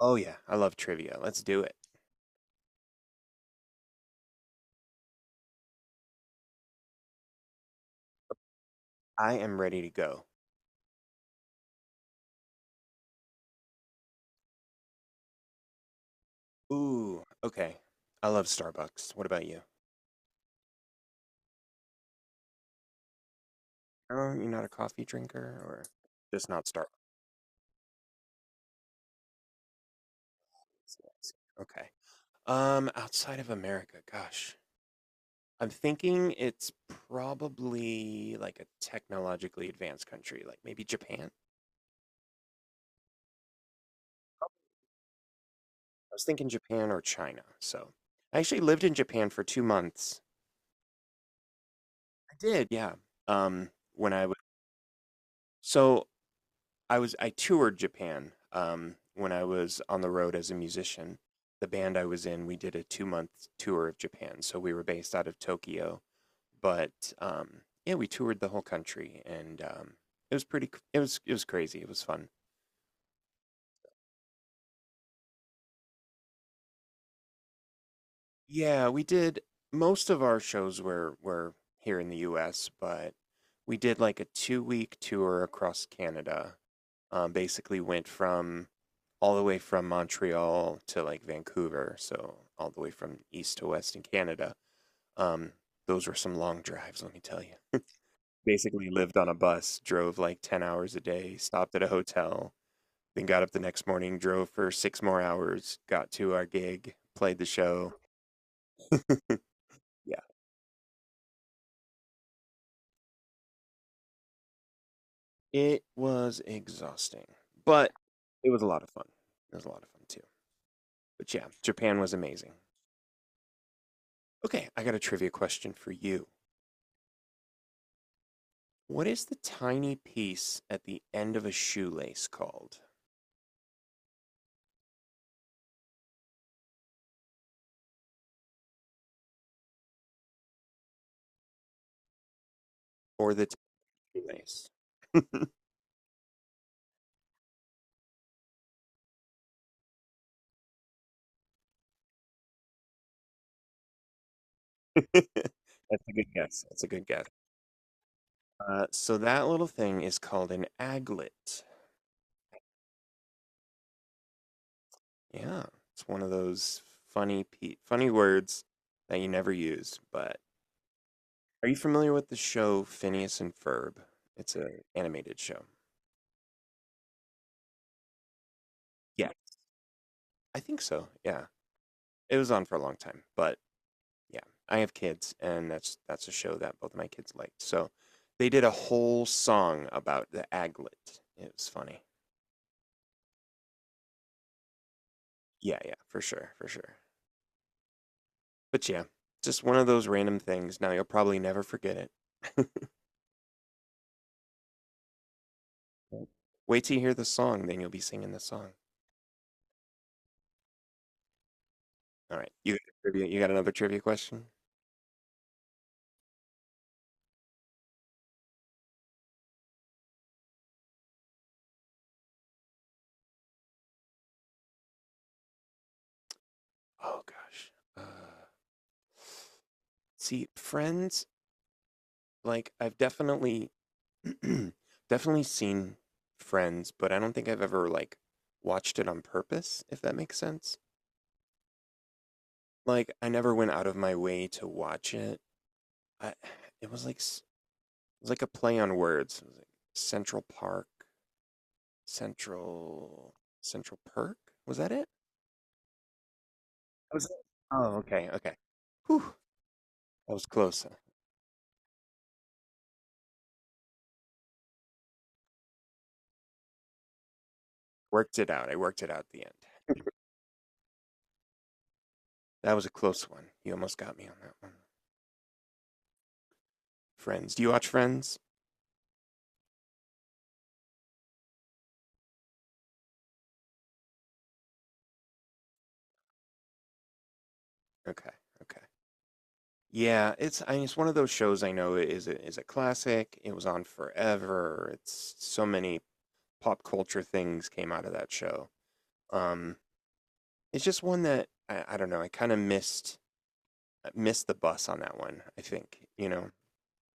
Oh yeah, I love trivia. Let's do it. I am ready to go. Ooh, okay. I love Starbucks. What about you? Oh, you're not a coffee drinker or just not Starbucks. Yes. Okay. Outside of America, gosh. I'm thinking it's probably like a technologically advanced country, like maybe Japan. I was thinking Japan or China. So I actually lived in Japan for 2 months. I did, yeah. Um, when I was so I was I toured Japan when I was on the road as a musician. The band I was in, we did a 2 month tour of Japan, so we were based out of Tokyo. But yeah, we toured the whole country, and it was pretty. It was crazy. It was fun. Yeah, we did most of our shows were here in the US, but we did like a 2 week tour across Canada. Basically went from all the way from Montreal to like Vancouver, so all the way from east to west in Canada. Um, those were some long drives, let me tell you. Basically lived on a bus, drove like 10 hours a day, stopped at a hotel, then got up the next morning, drove for 6 more hours, got to our gig, played the show. It was exhausting, but it was a lot of fun. It was a lot of fun too. But yeah, Japan was amazing. Okay, I got a trivia question for you. What is the tiny piece at the end of a shoelace called? Or the tiny lace? That's a good guess. That's a good guess. So that little thing is called an aglet. Yeah, it's one of those funny words that you never use, but are you familiar with the show Phineas and Ferb? It's an animated show. Yeah, I think so. Yeah, it was on for a long time, but yeah, I have kids, and that's a show that both my kids liked. So they did a whole song about the aglet. It was funny. Yeah, yeah, for sure, for sure. But yeah, just one of those random things. Now you'll probably never forget it. Wait till you hear the song, then you'll be singing the song. All right, you got another trivia question? Oh gosh. See, Friends, like I've definitely definitely seen Friends, but I don't think I've ever like watched it on purpose, if that makes sense. Like I never went out of my way to watch it. I it was like s- it was like a play on words. It was like Central Park, Central Central Perk? Was that it? That was it? Oh, okay, okay. Whew, that was close. I worked it out. I worked it out at the end. That was a close one. You almost got me on that one. Friends. Do you watch Friends? Okay. Okay. Yeah, it's I mean, it's one of those shows I know is a classic. It was on forever. It's so many pop culture things came out of that show. Um, it's just one that I don't know. I kind of missed the bus on that one. I think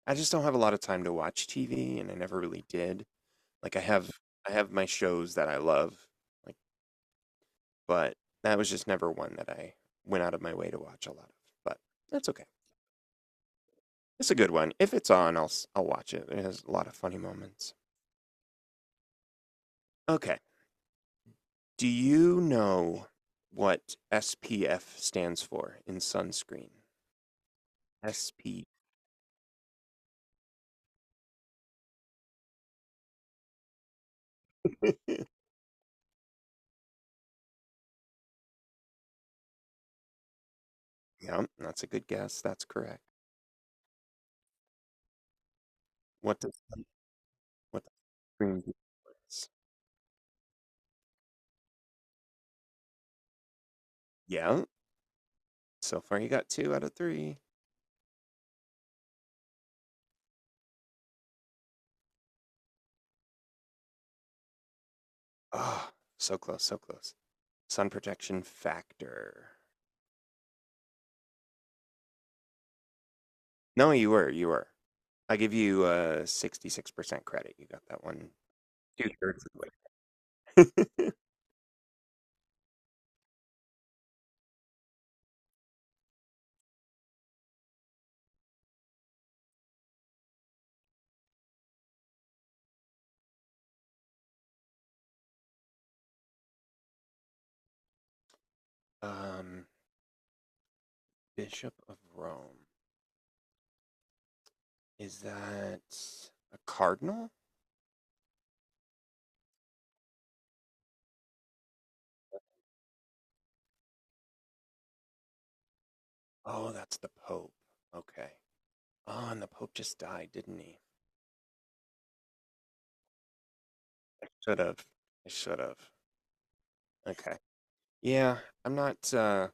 I just don't have a lot of time to watch TV, and I never really did. Like I have my shows that I love, like but that was just never one that I went out of my way to watch a lot of. But that's okay. It's a good one. If it's on, I'll I'll watch it. It has a lot of funny moments. Okay. Do you know what SPF stands for in sunscreen? SPF. Yeah, that's a good guess. That's correct. What does what does green do for us? Yeah. So far, you got two out of three. Oh, so close, so close. Sun protection factor. No, you were, you were. I give you 66% credit. You got that one, two-thirds of the way. Um, Bishop of Rome. Is that a cardinal? Oh, that's the Pope. Okay. Oh, and the Pope just died, didn't he? I should have. I should have. Okay. Yeah, I'm not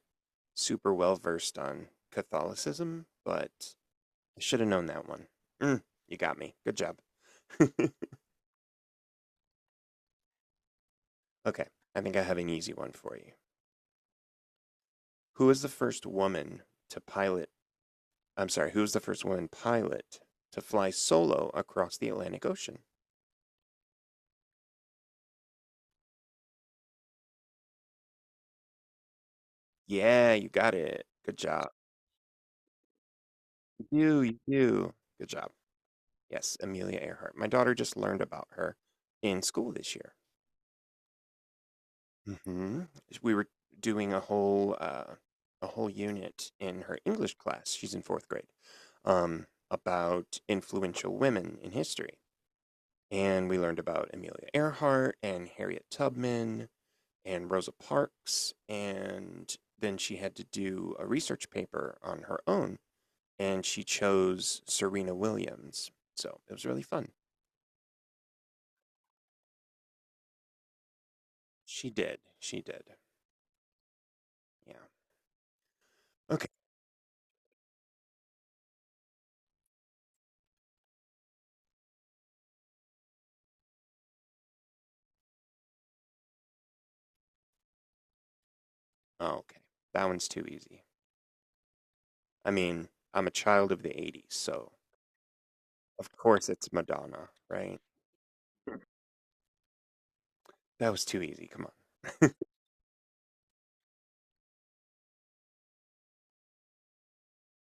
super well versed on Catholicism, but I should have known that one. Mm, you got me. Good job. Okay. I think I have an easy one for you. Who was the first woman to pilot? I'm sorry. Who was the first woman pilot to fly solo across the Atlantic Ocean? Yeah, you got it. Good job. You do, you do. Good job. Yes, Amelia Earhart. My daughter just learned about her in school this year. Hmm. We were doing a whole unit in her English class. She's in fourth grade. About influential women in history, and we learned about Amelia Earhart and Harriet Tubman and Rosa Parks, and then she had to do a research paper on her own and she chose Serena Williams. So it was really fun. She did. She did. Yeah. Okay. Oh, okay. That one's too easy. I mean, I'm a child of the 80s, so of course it's Madonna, right? That was too easy. Come on.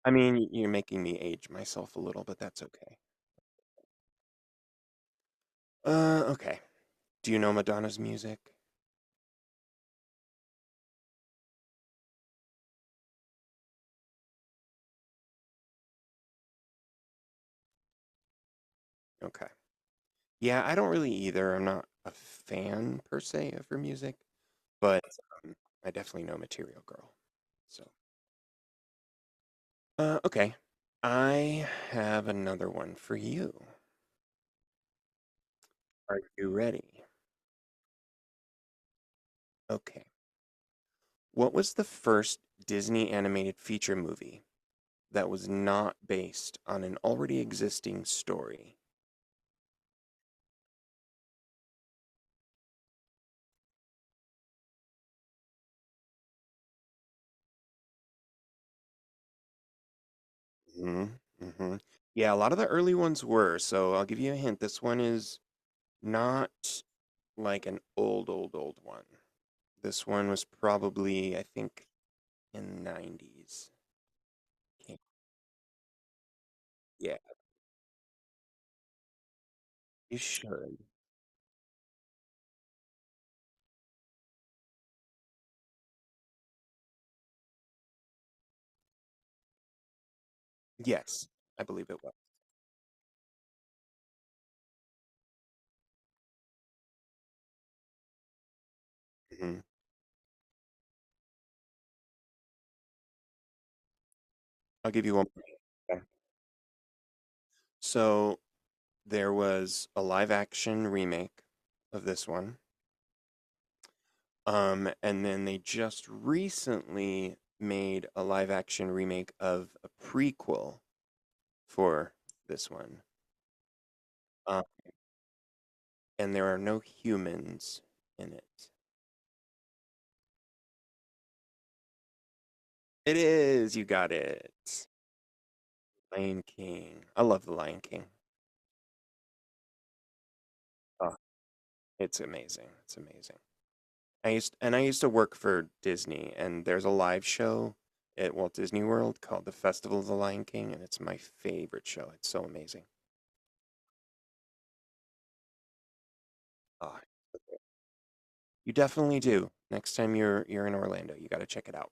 I mean, you're making me age myself a little, but that's okay. Okay. Do you know Madonna's music? Okay. Yeah, I don't really either. I'm not a fan per se of her music, but um, I definitely know Material Girl. So. Okay. I have another one for you. Are you ready? Okay. What was the first Disney animated feature movie that was not based on an already existing story? Hmm. Hmm. Yeah, a lot of the early ones were, so I'll give you a hint. This one is not like an old, old, old one. This one was probably, I think, in the 90s. Okay. Yeah, you should. Yes, I believe it was. Mhm. I'll give you one. Okay. So there was a live action remake of this one. And then they just recently made a live action remake of a prequel for this one. Uh, and there are no humans in it. It is, you got it. Lion King. I love The Lion King. Oh, it's amazing. It's amazing. I used to work for Disney, and there's a live show at Walt Disney World called the Festival of the Lion King, and it's my favorite show. It's so amazing. Ah, you definitely do. Next time you're in Orlando, you got to check it out.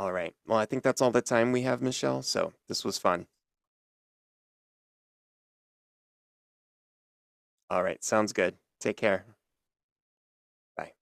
All right. Well, I think that's all the time we have, Michelle. So this was fun. All right. Sounds good. Take care. Bye.